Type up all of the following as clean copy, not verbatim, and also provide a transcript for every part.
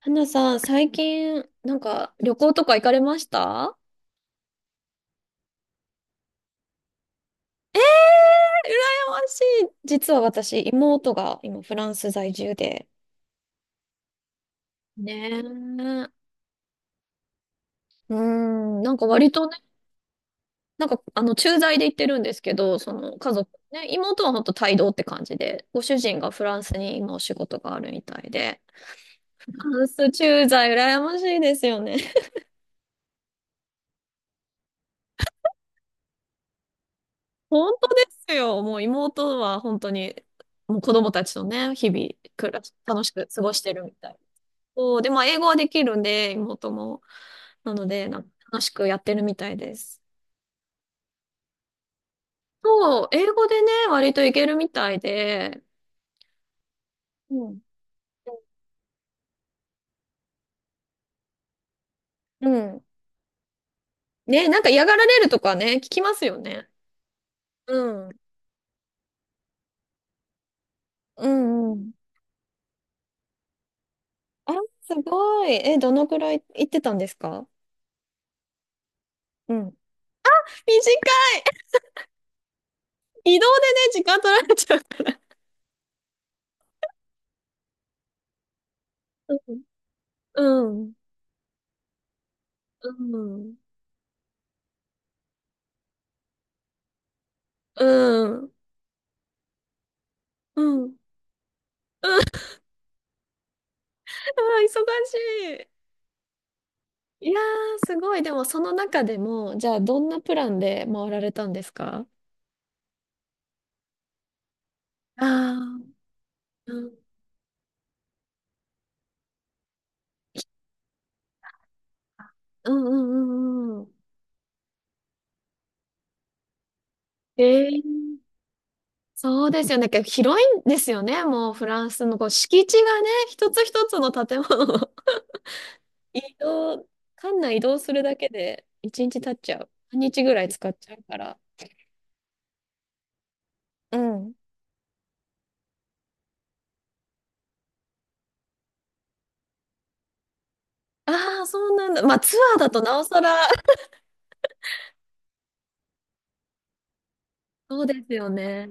花さん、最近、なんか、旅行とか行かれました？え、羨ましい。実は私、妹が今、フランス在住で。ねえ。うーん、なんか割とね、なんか、駐在で行ってるんですけど、その、家族、ね、妹はほんと帯同って感じで、ご主人がフランスに今お仕事があるみたいで、フランス駐在、羨ましいですよね。本当ですよ。もう妹は本当に、もう子供たちとね、日々、暮らし、楽しく過ごしてるみたい。そう、で、まあ、英語はできるんで、妹も。なので、なんか楽しくやってるみたいです。そう、英語でね、割といけるみたいで、うん。うん。ね、なんか嫌がられるとかね、聞きますよね。うん。うんうん。あ、すごい。え、どのくらい行ってたんですか？うん。短い移動でね、時間取られちゃう。うん。うん。うん。うん。うん。うん。うん。あー、忙しい。いやー、すごい。でも、その中でも、じゃあ、どんなプランで回られたんですか？ああー。うん、うんうんうんうん。ええ、そうですよね。結構広いんですよね。もうフランスのこう敷地がね、一つ一つの建物を 移動、館内移動するだけで一日経っちゃう。半日ぐらい使っちゃうから。あ、うん。ああ、そうなんだ。まあツアーだとなおさら。そうですよね。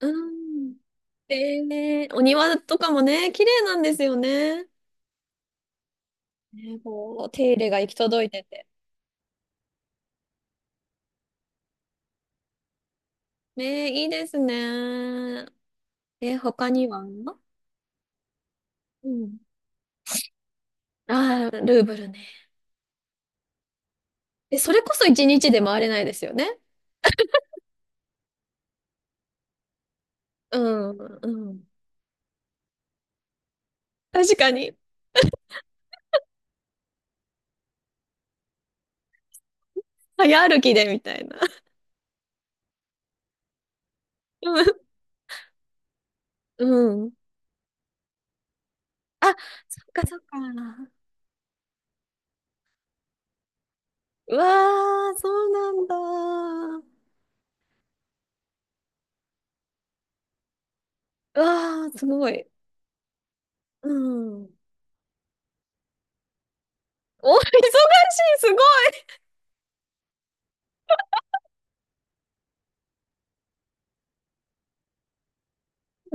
うん。ええ、お庭とかもね、綺麗なんですよね。ね、こう、手入れが行き届いてて。ね、いいですね。え、他には？うん。ああ、ルーブルね。え、それこそ一日で回れないですよね。うん、うん。確かに。早歩きで、みたいな。うん。うん。あ、そっかそっか。うわー、そうなんだ。うわー、すごい。うん。お、忙しい、すごい。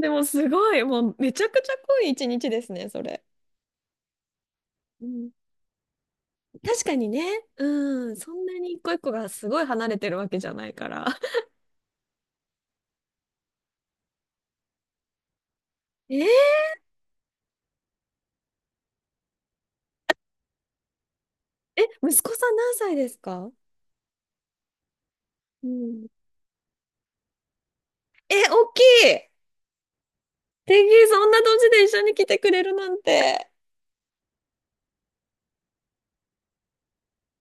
でもすごい、もうめちゃくちゃ濃い一日ですね、それ。うん、確かにね、うん、そんなに一個一個がすごい離れてるわけじゃないから。えー、え、息子さん何歳ですか？うん。え、大きい。天気そんな年で一緒に来てくれるなんて、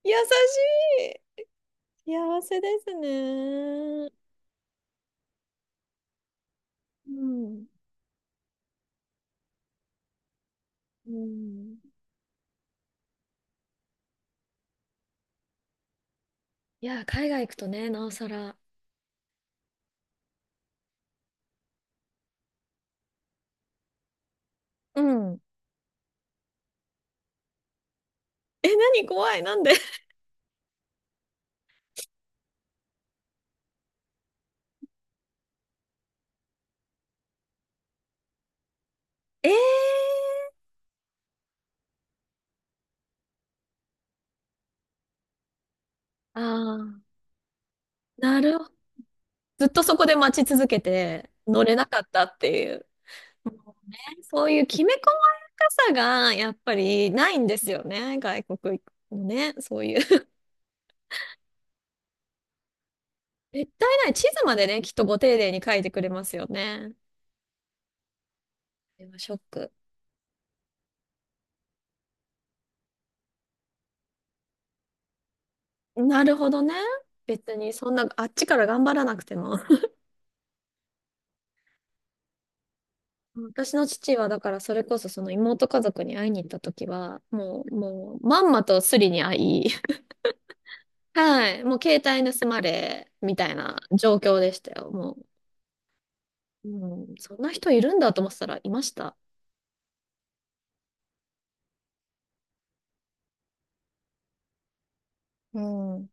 優しい。幸せですね。うん。うん。いや、海外行くとね、なおさら。うん。え、何怖い、なんで？ えー。ああ、なるほど。ずっとそこで待ち続けて乗れなかったっていう。もうね、そういうきめ細やかさがやっぱりないんですよね。外国行くのね。そういう。絶対ない。地図までね、きっとご丁寧に書いてくれますよね。でもショック。なるほどね。別にそんな、あっちから頑張らなくても。私の父はだからそれこそその妹家族に会いに行った時は、もう、もう、まんまとスリに会い、はい、もう携帯盗まれ、みたいな状況でしたよ。もう、うん、そんな人いるんだと思ってたらいました。うん。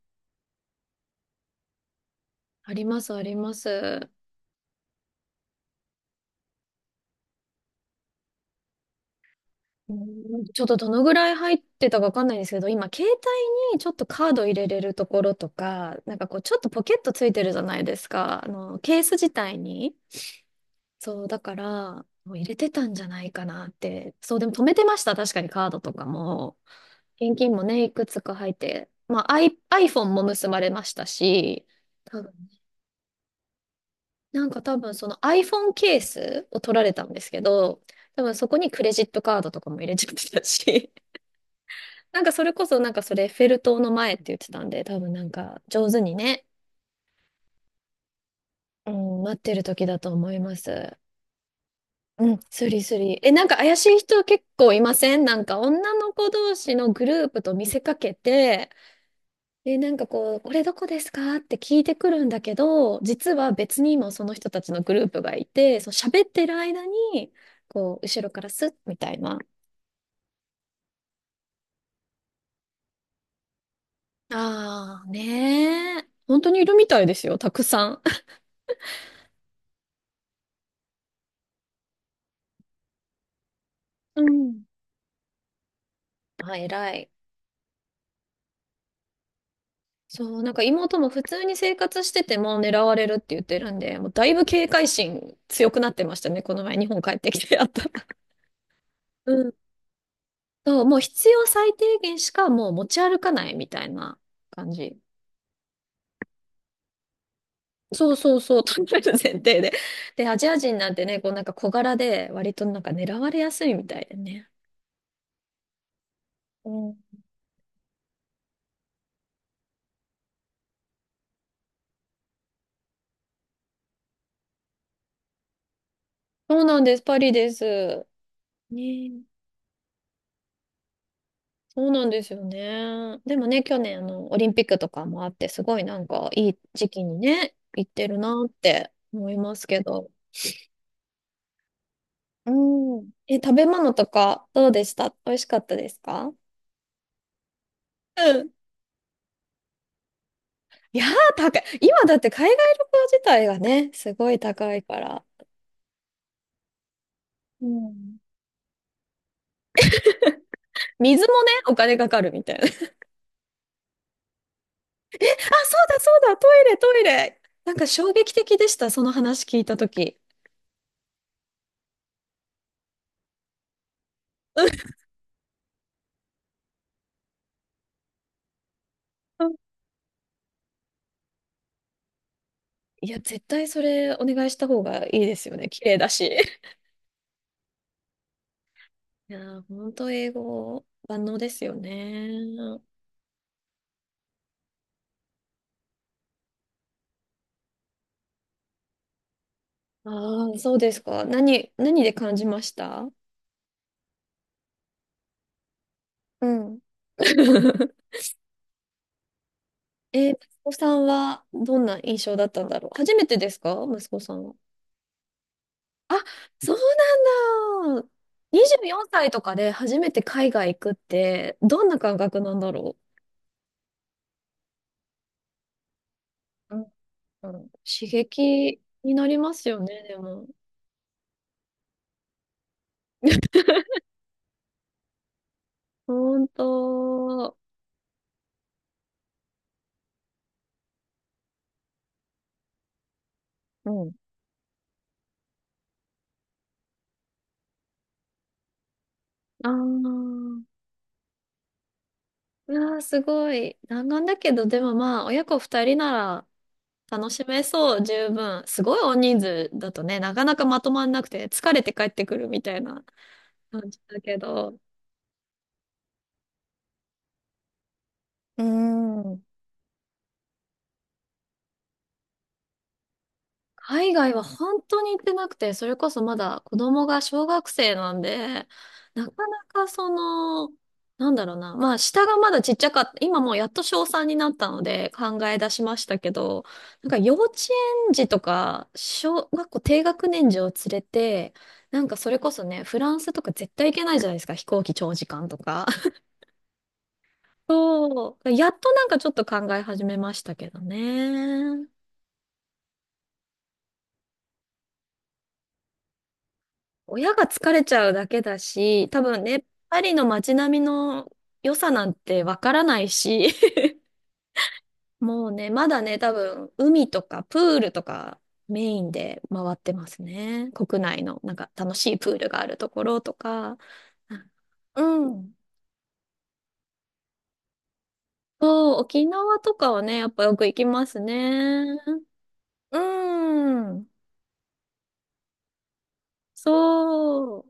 あります、あります。うん、ちょっとどのぐらい入ってたかわかんないんですけど、今、携帯にちょっとカード入れれるところとか、なんかこう、ちょっとポケットついてるじゃないですか。あの、ケース自体に。そう、だから、もう入れてたんじゃないかなって。そう、でも止めてました。確かにカードとかも。現金もね、いくつか入って。まあ、I、iPhone も結ばれましたし、多分、なんか多分その iPhone ケースを取られたんですけど、多分そこにクレジットカードとかも入れちゃってたし、なんかそれこそなんかそれフェルトの前って言ってたんで、多分なんか上手にね、うん、待ってる時だと思います。うん、スリスリ。え、なんか怪しい人結構いません？なんか女の子同士のグループと見せかけて、で、なんかこう、これどこですかって聞いてくるんだけど、実は別にもその人たちのグループがいて、そう喋ってる間に、こう、後ろからスッみたいな。ああ、ねえ。本当にいるみたいですよ、たくさん。うん。あ、偉い。そう、なんか妹も普通に生活してても狙われるって言ってるんで、もうだいぶ警戒心強くなってましたね、この前日本帰ってきてやったら。うん。そう、もう必要最低限しかもう持ち歩かないみたいな感じ。そうそうそう、食べる前提で。で、アジア人なんてね、こうなんか小柄で、割となんか狙われやすいみたいでね。うん。そうなんです、パリです。ねえ、そうなんですよね。でもね、去年あの、オリンピックとかもあって、すごいなんかいい時期にね、行ってるなって思いますけど。うん。え、食べ物とかどうでした？美味しかったですか？うん。いやー、高い。今だって海外旅行自体がね、すごい高いから。うん、水もね、お金かかるみたいな。あ、そうだそうだ、トイレトイレ。なんか衝撃的でした、その話聞いたとき。うん。いや、絶対それお願いした方がいいですよね。綺麗だし。いやー、本当英語万能ですよね。ああ、そうですか。何、何で感じました？うん。え、息子さんはどんな印象だったんだろう。初めてですか？息子さんは。あ、そうなんだ。24歳とかで初めて海外行くって、どんな感覚なんだろう。うん、うん、刺激になりますよね、でも。ほんと。うん。ああ、うわー、すごい。弾丸だけど、でもまあ、親子二人なら楽しめそう、十分。すごい大人数だとね、なかなかまとまんなくて、疲れて帰ってくるみたいな感じだけど。うーん。海外は本当に行ってなくて、それこそまだ子供が小学生なんで、なかなかその、なんだろうな、まあ下がまだちっちゃかった、今もうやっと小3になったので考え出しましたけど、なんか幼稚園児とか小学校低学年児を連れて、なんかそれこそね、フランスとか絶対行けないじゃないですか、飛行機長時間とか。そう、やっとなんかちょっと考え始めましたけどね。親が疲れちゃうだけだし、多分ね、パリの街並みの良さなんてわからないし、もうね、まだね、多分海とかプールとかメインで回ってますね。国内のなんか楽しいプールがあるところとか。うん。そう、沖縄とかはね、やっぱよく行きますね。うん。そう。